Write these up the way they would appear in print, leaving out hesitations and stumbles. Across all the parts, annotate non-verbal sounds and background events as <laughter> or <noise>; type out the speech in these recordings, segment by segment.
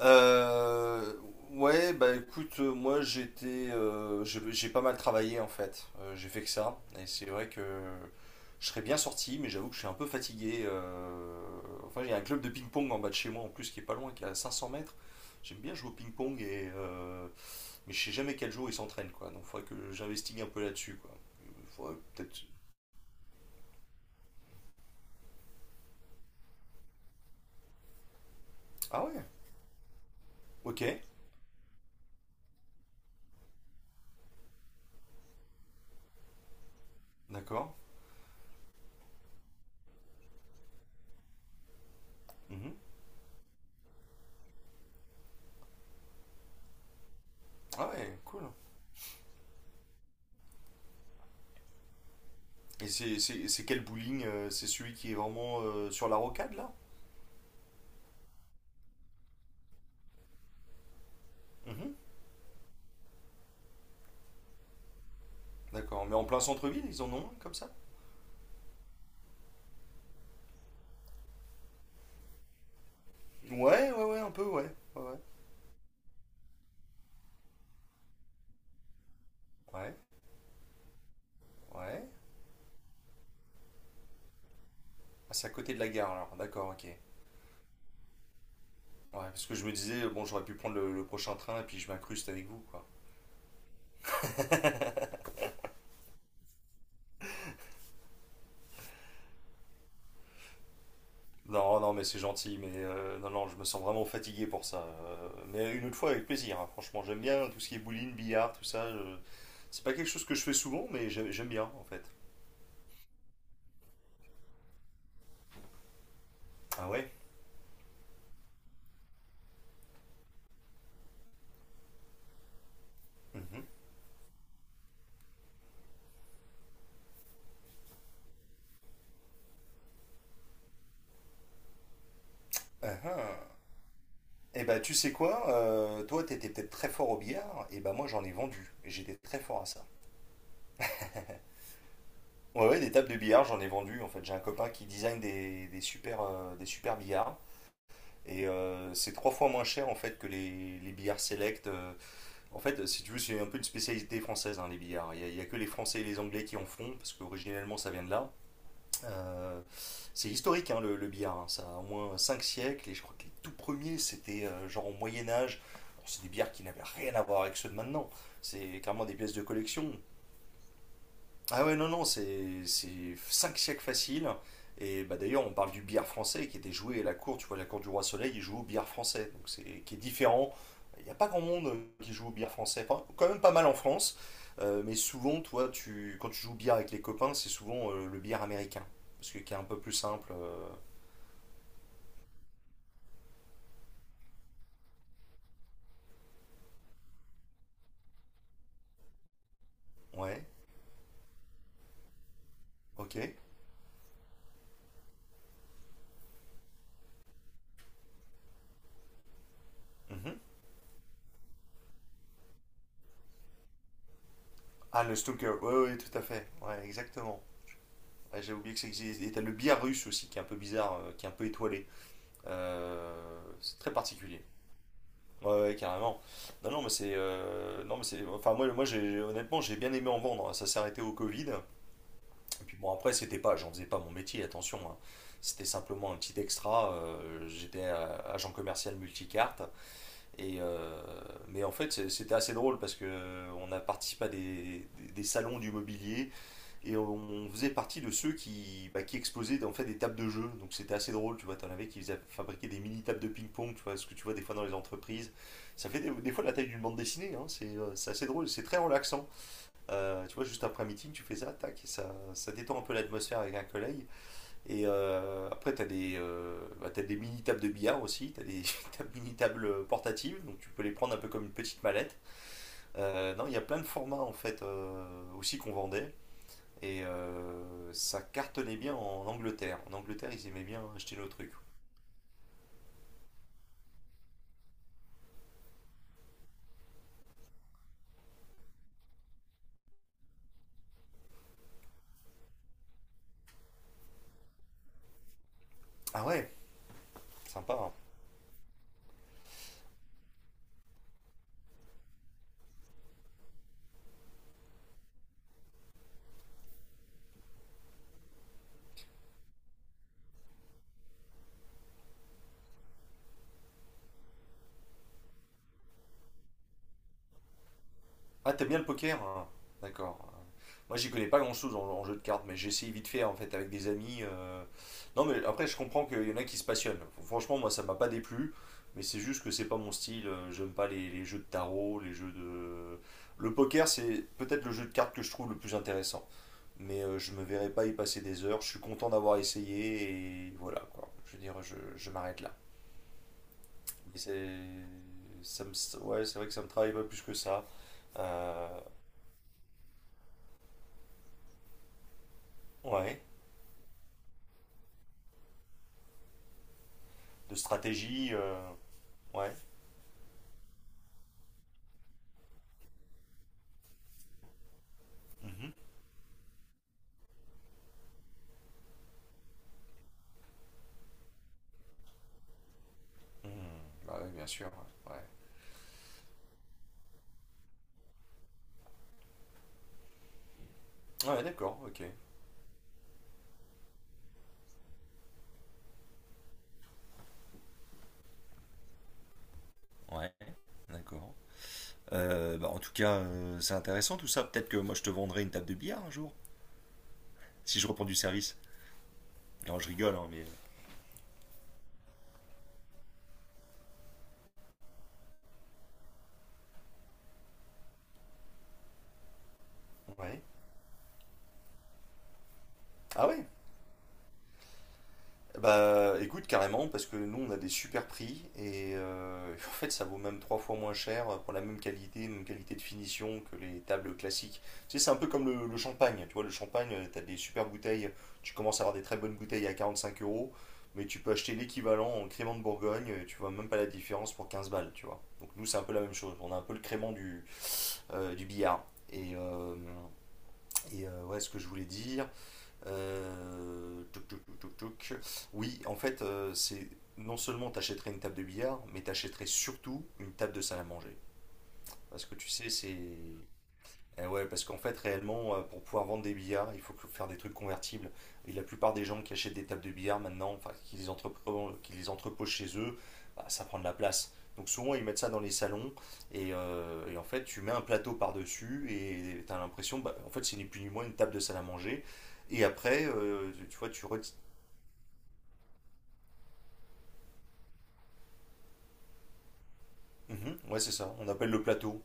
Euh, ouais, bah écoute, moi j'ai pas mal travaillé en fait. J'ai fait que ça, et c'est vrai que je serais bien sorti, mais j'avoue que je suis un peu fatigué. Enfin, il y a un club de ping-pong en bas de chez moi en plus qui est pas loin, qui est à 500 mètres. J'aime bien jouer au ping-pong mais je sais jamais quel jour ils s'entraînent quoi. Donc, faudrait que j'investigue un peu là-dessus quoi. Faudrait peut-être. Ah ouais. Ok. D'accord. Mhm. Ah ouais, cool. Et c'est quel bowling? C'est celui qui est vraiment sur la rocade là? Mhm. D'accord, mais en plein centre-ville, ils en ont un comme ça. Ouais, ouais, ouais, un peu, ouais. Ouais, ouais. Ouais, ouais. Ah, c'est à côté de la gare alors, d'accord, ok. Ouais, parce que je me disais, bon, j'aurais pu prendre le prochain train et puis je m'incruste avec vous, quoi. Non, non, mais c'est gentil, mais non, non, je me sens vraiment fatigué pour ça. Mais une autre fois, avec plaisir, hein, franchement, j'aime bien tout ce qui est bowling, billard, tout ça. C'est pas quelque chose que je fais souvent, mais j'aime bien, en fait. Ah ouais. Mhm. Ah ah. Eh ben, tu sais quoi, toi, t'étais peut-être très fort au billard, et ben moi, j'en ai vendu. Et j'étais très fort à ça. Ouais, ouais, des tables de billard, j'en ai vendu. En fait, j'ai un copain qui design des super billards. C'est trois fois moins cher en fait que les billards select. En fait, si tu veux, c'est un peu une spécialité française, hein, les billards. Il y a que les Français et les Anglais qui en font, parce qu'originellement ça vient de là. Euh, c'est historique, hein, le billard, hein. Ça a au moins 5 siècles et je crois que les tout premiers c'était genre au Moyen Âge. Bon, c'est des billards qui n'avaient rien à voir avec ceux de maintenant, c'est clairement des pièces de collection. Ah ouais, non, non, c'est 5 siècles faciles. Et bah d'ailleurs, on parle du billard français qui était joué à la cour, tu vois, la cour du Roi Soleil, il joue au billard français, donc c'est qui est différent. Il n'y a pas grand monde qui joue au billard français, enfin, quand même pas mal en France. Mais souvent, quand tu joues au billard avec les copains, c'est souvent le billard américain, parce que qui est un peu plus simple. Ouais, ok. Mhm. Ah, le snooker, ouais, ouais, tout à fait, ouais, exactement. Ouais, j'ai oublié que ça existe. Et t'as le billard russe aussi, qui est un peu bizarre, qui est un peu étoilé. C'est très particulier. Ouais, ouais, carrément. Non, non, mais c'est, non, mais c'est, enfin honnêtement, j'ai bien aimé en vendre. Ça s'est arrêté au Covid. Et puis bon, après, c'était pas, j'en faisais pas mon métier, attention, hein. C'était simplement un petit extra. J'étais agent commercial multicarte. Et euh, mais en fait, c'était assez drôle parce que on a participé à des salons du mobilier. Et on faisait partie de ceux qui exposaient en fait des tables de jeu. Donc c'était assez drôle, tu vois. T'en avais qui fabriquaient des mini tables de ping-pong, tu vois, ce que tu vois des fois dans les entreprises. Ça fait des fois la taille d'une bande dessinée, hein. C'est assez drôle, c'est très relaxant. Tu vois, juste après un meeting, tu fais ça, tac, et ça détend un peu l'atmosphère avec un collègue. Après, t'as des mini tables de billard aussi, t'as des <laughs> t'as des mini tables portatives, donc tu peux les prendre un peu comme une petite mallette. Non, il y a plein de formats en fait aussi qu'on vendait. Et euh, Ça cartonnait bien en Angleterre. En Angleterre, ils aimaient bien acheter nos trucs. Ah ouais, sympa, hein. Ah, t'aimes bien le poker? Hein. D'accord. Moi, j'y connais pas grand-chose en jeu de cartes, mais j'essaye vite fait en fait avec des amis. Non, mais après, je comprends qu'il y en a qui se passionnent. Franchement, moi, ça m'a pas déplu, mais c'est juste que c'est pas mon style. J'aime pas les jeux de tarot. Les jeux de. Le poker, c'est peut-être le jeu de cartes que je trouve le plus intéressant. Mais je me verrai pas y passer des heures. Je suis content d'avoir essayé et voilà quoi. Je veux dire, je m'arrête là. Mais c'est, ouais, c'est vrai que ça me travaille pas plus que ça. Euh, ouais, de stratégie, ouais. Mhm. Mhm. Bah oui, bien sûr. Ouais, ouais. Ouais, d'accord, ok. Ouais, d'accord. Bah, en tout cas, c'est intéressant tout ça. Peut-être que moi je te vendrai une table de billard un jour, si je reprends du service. Non, je rigole, hein, mais. Ouais. Ah ouais. Bah écoute, carrément, parce que nous on a des super prix et <laughs> en fait ça vaut même trois fois moins cher pour la même qualité de finition que les tables classiques. Tu sais, c'est un peu comme le champagne, tu vois, le champagne, t'as des super bouteilles, tu commences à avoir des très bonnes bouteilles à 45 euros, mais tu peux acheter l'équivalent en crément de Bourgogne, tu vois même pas la différence pour 15 balles, tu vois. Donc nous c'est un peu la même chose, on a un peu le crément du billard. Et, euh, ouais, ce que je voulais dire, euh, touc, touc, touc, touc, oui, en fait, c'est non seulement t'achèterais une table de billard, mais t'achèterais surtout une table de salle à manger. Parce que tu sais, c'est Eh ouais, parce qu'en fait, réellement, pour pouvoir vendre des billards, il faire des trucs convertibles. Et la plupart des gens qui achètent des tables de billard maintenant, enfin, qui les entreposent chez eux, bah, ça prend de la place. Donc souvent, ils mettent ça dans les salons. Et en fait, tu mets un plateau par-dessus et tu as l'impression, bah, en fait, c'est ni plus ni moins une table de salle à manger. Et après, tu vois. Mhm, ouais, c'est ça. On appelle le plateau.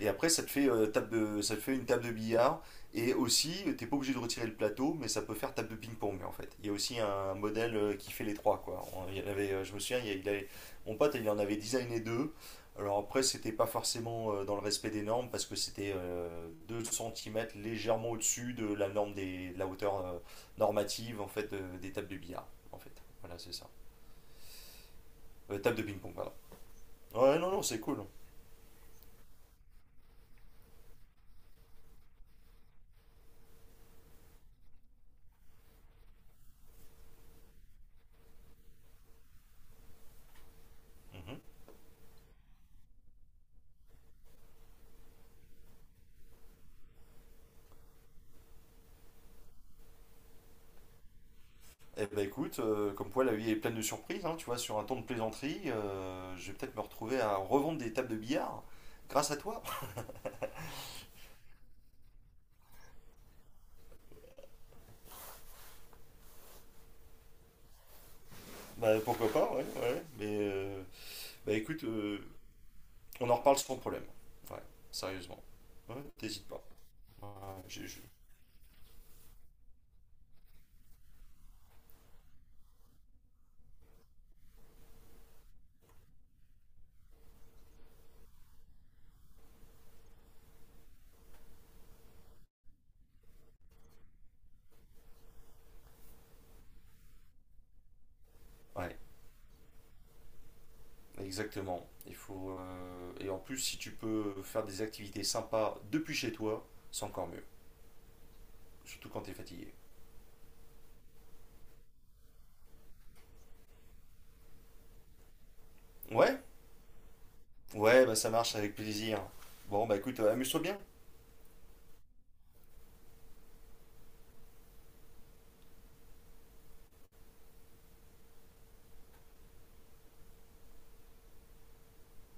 Et après, ça te fait une table de billard. Et aussi, t'es pas obligé de retirer le plateau, mais ça peut faire table de ping-pong en fait. Il y a aussi un modèle qui fait les trois quoi. Il y en avait, je me souviens. Il y a- il avait- Mon pote il en avait designé deux. Alors après, c'était pas forcément dans le respect des normes parce que c'était 2 centimètres légèrement au-dessus de la norme de la hauteur normative en fait des tables de billard en fait. Voilà, c'est ça. Table de ping-pong, pardon. Ouais, non, non, c'est cool. Mhm. Eh ben écoute, comme quoi la vie est pleine de surprises, hein, tu vois, sur un ton de plaisanterie, je vais peut-être me retrouver à revendre des tables de billard grâce à toi. <laughs> Bah pourquoi pas, ouais, ouais. Bah écoute, on en reparle sans problème. Ouais, sérieusement. Ouais, t'hésites pas. Ouais, j'ai- je- ouais, exactement. Il faut Et en plus si tu peux faire des activités sympas depuis chez toi, c'est encore mieux. Surtout quand t'es fatigué. Ouais, ouais, bah ça marche avec plaisir. Bon bah écoute, amuse-toi bien.